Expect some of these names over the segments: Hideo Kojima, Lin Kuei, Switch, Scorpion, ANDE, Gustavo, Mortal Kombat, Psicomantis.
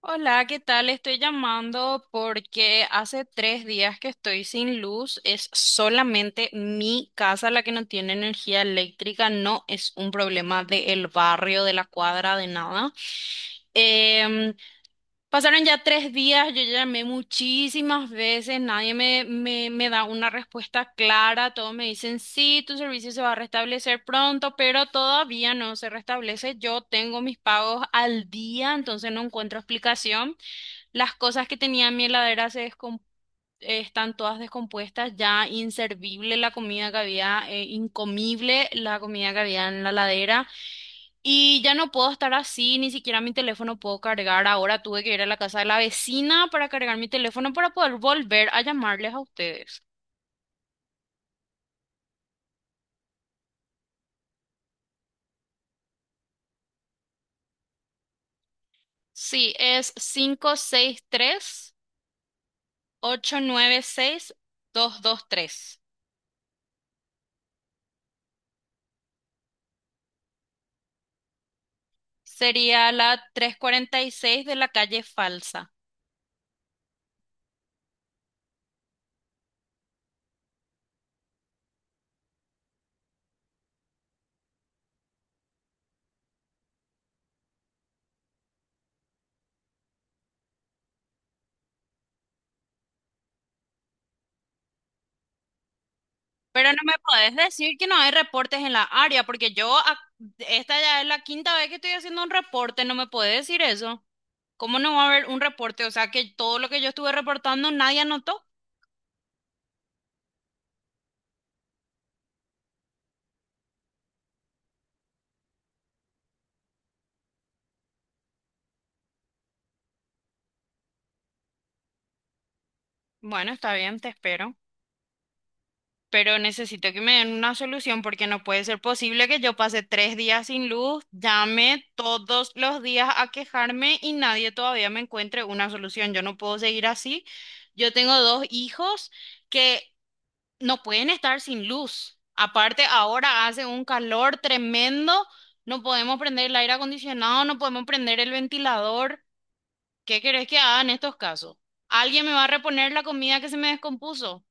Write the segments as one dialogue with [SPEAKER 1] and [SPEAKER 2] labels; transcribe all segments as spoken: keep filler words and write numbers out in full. [SPEAKER 1] Hola, ¿qué tal? Estoy llamando porque hace tres días que estoy sin luz. Es solamente mi casa la que no tiene energía eléctrica. No es un problema del barrio, de la cuadra, de nada. Em, Pasaron ya tres días, yo llamé muchísimas veces, nadie me, me, me da una respuesta clara. Todos me dicen, sí, tu servicio se va a restablecer pronto, pero todavía no se restablece. Yo tengo mis pagos al día, entonces no encuentro explicación. Las cosas que tenía en mi heladera se descom- eh, están todas descompuestas, ya inservible la comida que había, eh, incomible la comida que había en la heladera. Y ya no puedo estar así, ni siquiera mi teléfono puedo cargar. Ahora tuve que ir a la casa de la vecina para cargar mi teléfono para poder volver a llamarles a ustedes. Sí, es cinco seis seis tres ocho nueve seis dos dos tres. Sería la trescientos cuarenta y seis de la calle Falsa. Pero no me podés decir que no hay reportes en la área, porque yo, ac- esta ya es la quinta vez que estoy haciendo un reporte, no me podés decir eso. ¿Cómo no va a haber un reporte? O sea, que todo lo que yo estuve reportando nadie anotó. Bueno, está bien, te espero, pero necesito que me den una solución porque no puede ser posible que yo pase tres días sin luz, llame todos los días a quejarme y nadie todavía me encuentre una solución. Yo no puedo seguir así. Yo tengo dos hijos que no pueden estar sin luz. Aparte, ahora hace un calor tremendo, no podemos prender el aire acondicionado, no podemos prender el ventilador. ¿Qué querés que haga en estos casos? ¿Alguien me va a reponer la comida que se me descompuso?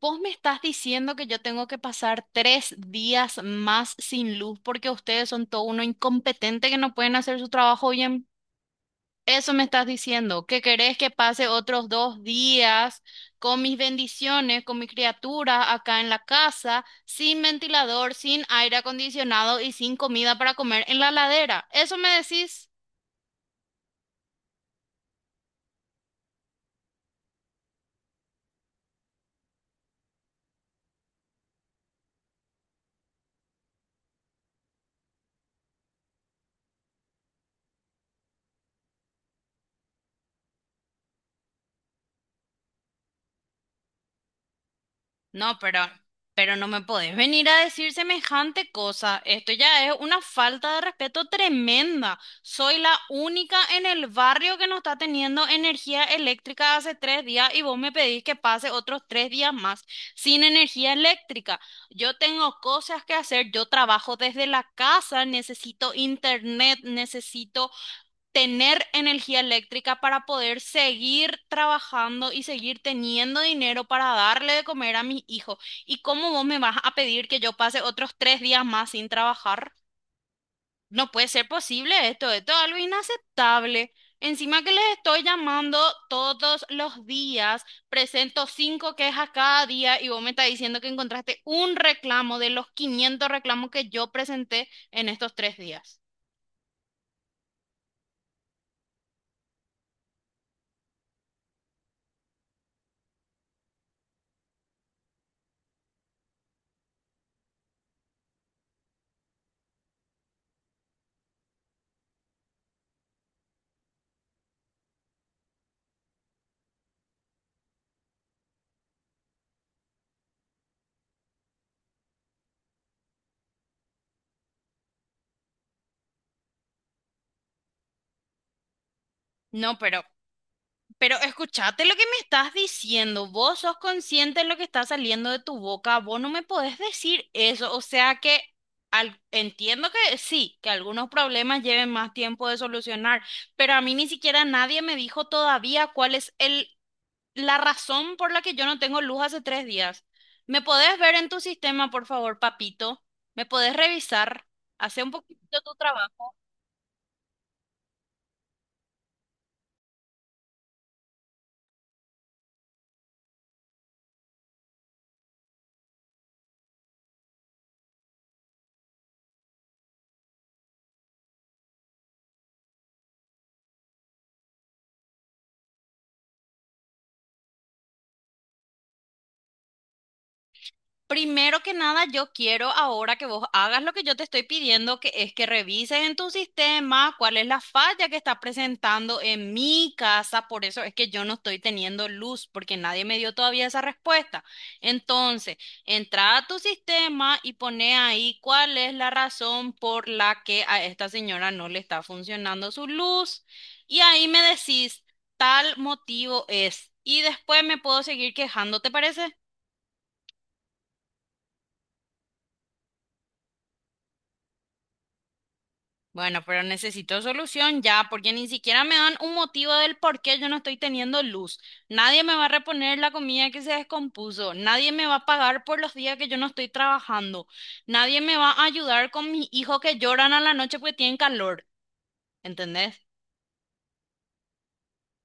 [SPEAKER 1] Vos me estás diciendo que yo tengo que pasar tres días más sin luz porque ustedes son todo uno incompetente que no pueden hacer su trabajo bien. Eso me estás diciendo, que querés que pase otros dos días con mis bendiciones, con mi criatura acá en la casa, sin ventilador, sin aire acondicionado y sin comida para comer en la ladera. ¿Eso me decís? No, pero, pero no me podés venir a decir semejante cosa. Esto ya es una falta de respeto tremenda. Soy la única en el barrio que no está teniendo energía eléctrica hace tres días y vos me pedís que pase otros tres días más sin energía eléctrica. Yo tengo cosas que hacer, yo trabajo desde la casa, necesito internet, necesito tener energía eléctrica para poder seguir trabajando y seguir teniendo dinero para darle de comer a mis hijos. ¿Y cómo vos me vas a pedir que yo pase otros tres días más sin trabajar? No puede ser posible esto, esto es algo inaceptable. Encima que les estoy llamando todos los días, presento cinco quejas cada día y vos me estás diciendo que encontraste un reclamo de los quinientos reclamos que yo presenté en estos tres días. No, pero Pero escuchate lo que me estás diciendo. Vos sos consciente de lo que está saliendo de tu boca. Vos no me podés decir eso. O sea que al- entiendo que sí, que algunos problemas lleven más tiempo de solucionar, pero a mí ni siquiera nadie me dijo todavía cuál es el, la razón por la que yo no tengo luz hace tres días. ¿Me podés ver en tu sistema, por favor, papito? ¿Me podés revisar? Hace un poquito tu trabajo. Primero que nada, yo quiero ahora que vos hagas lo que yo te estoy pidiendo, que es que revises en tu sistema cuál es la falla que está presentando en mi casa. Por eso es que yo no estoy teniendo luz, porque nadie me dio todavía esa respuesta. Entonces, entra a tu sistema y pone ahí cuál es la razón por la que a esta señora no le está funcionando su luz. Y ahí me decís, tal motivo es. Y después me puedo seguir quejando, ¿te parece? Bueno, pero necesito solución ya, porque ni siquiera me dan un motivo del por qué yo no estoy teniendo luz. Nadie me va a reponer la comida que se descompuso. Nadie me va a pagar por los días que yo no estoy trabajando. Nadie me va a ayudar con mis hijos que lloran a la noche porque tienen calor. ¿Entendés?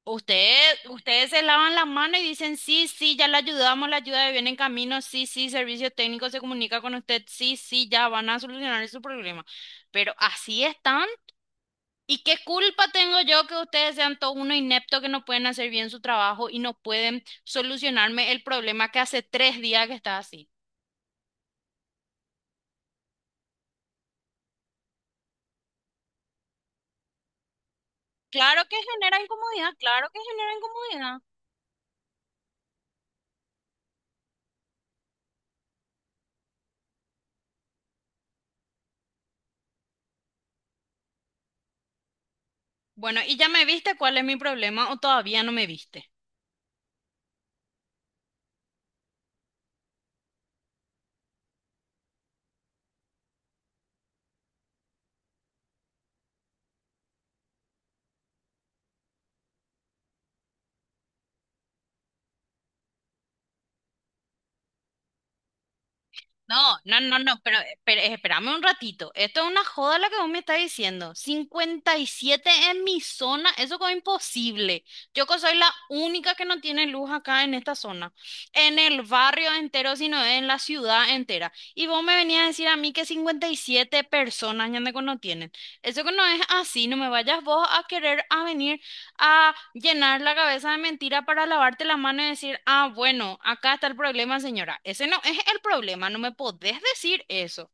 [SPEAKER 1] Ustedes, ustedes se lavan las manos y dicen, sí, sí, ya la ayudamos, la ayuda viene en camino, sí, sí, servicio técnico se comunica con usted, sí, sí, ya van a solucionar su problema. Pero así están. ¿Y qué culpa tengo yo que ustedes sean todo uno inepto que no pueden hacer bien su trabajo y no pueden solucionarme el problema que hace tres días que está así? Claro que genera incomodidad, claro que genera incomodidad. Bueno, ¿y ya me viste cuál es mi problema o todavía no me viste? No, no, no, no, pero, eh, pero eh, espérame un ratito. Esto es una joda lo que vos me estás diciendo. Cincuenta y siete en mi zona, eso es imposible. Yo que soy la única que no tiene luz acá en esta zona, en el barrio entero, sino en la ciudad entera. Y vos me venías a decir a mí que cincuenta y siete personas ya no tienen. Eso que no es así, no me vayas vos a querer a venir a llenar la cabeza de mentira para lavarte la mano y decir, ah, bueno, acá está el problema, señora. Ese no es el problema, no me podés decir eso.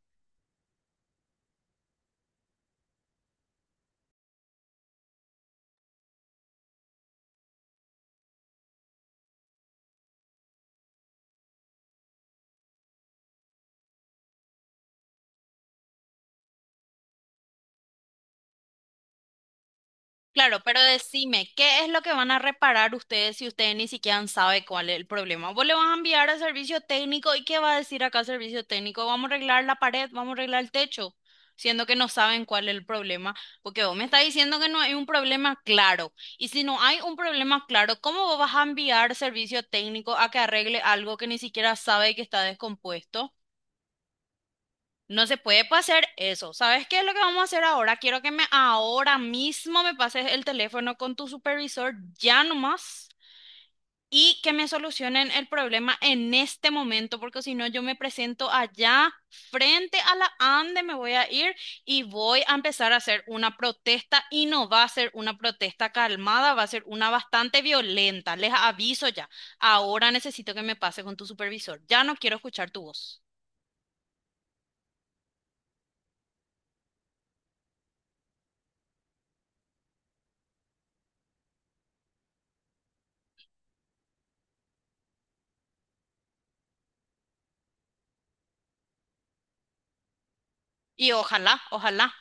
[SPEAKER 1] Claro, pero decime, ¿qué es lo que van a reparar ustedes si ustedes ni siquiera saben cuál es el problema? ¿Vos le vas a enviar al servicio técnico y qué va a decir acá el servicio técnico? Vamos a arreglar la pared, vamos a arreglar el techo, siendo que no saben cuál es el problema, porque vos me estás diciendo que no hay un problema claro. Y si no hay un problema claro, ¿cómo vos vas a enviar servicio técnico a que arregle algo que ni siquiera sabe que está descompuesto? No se puede pasar eso. ¿Sabes qué es lo que vamos a hacer ahora? Quiero que me ahora mismo me pases el teléfono con tu supervisor ya nomás y que me solucionen el problema en este momento, porque si no yo me presento allá frente a la ANDE, me voy a ir y voy a empezar a hacer una protesta y no va a ser una protesta calmada, va a ser una bastante violenta. Les aviso ya. Ahora necesito que me pases con tu supervisor. Ya no quiero escuchar tu voz. Y ojalá, ojalá.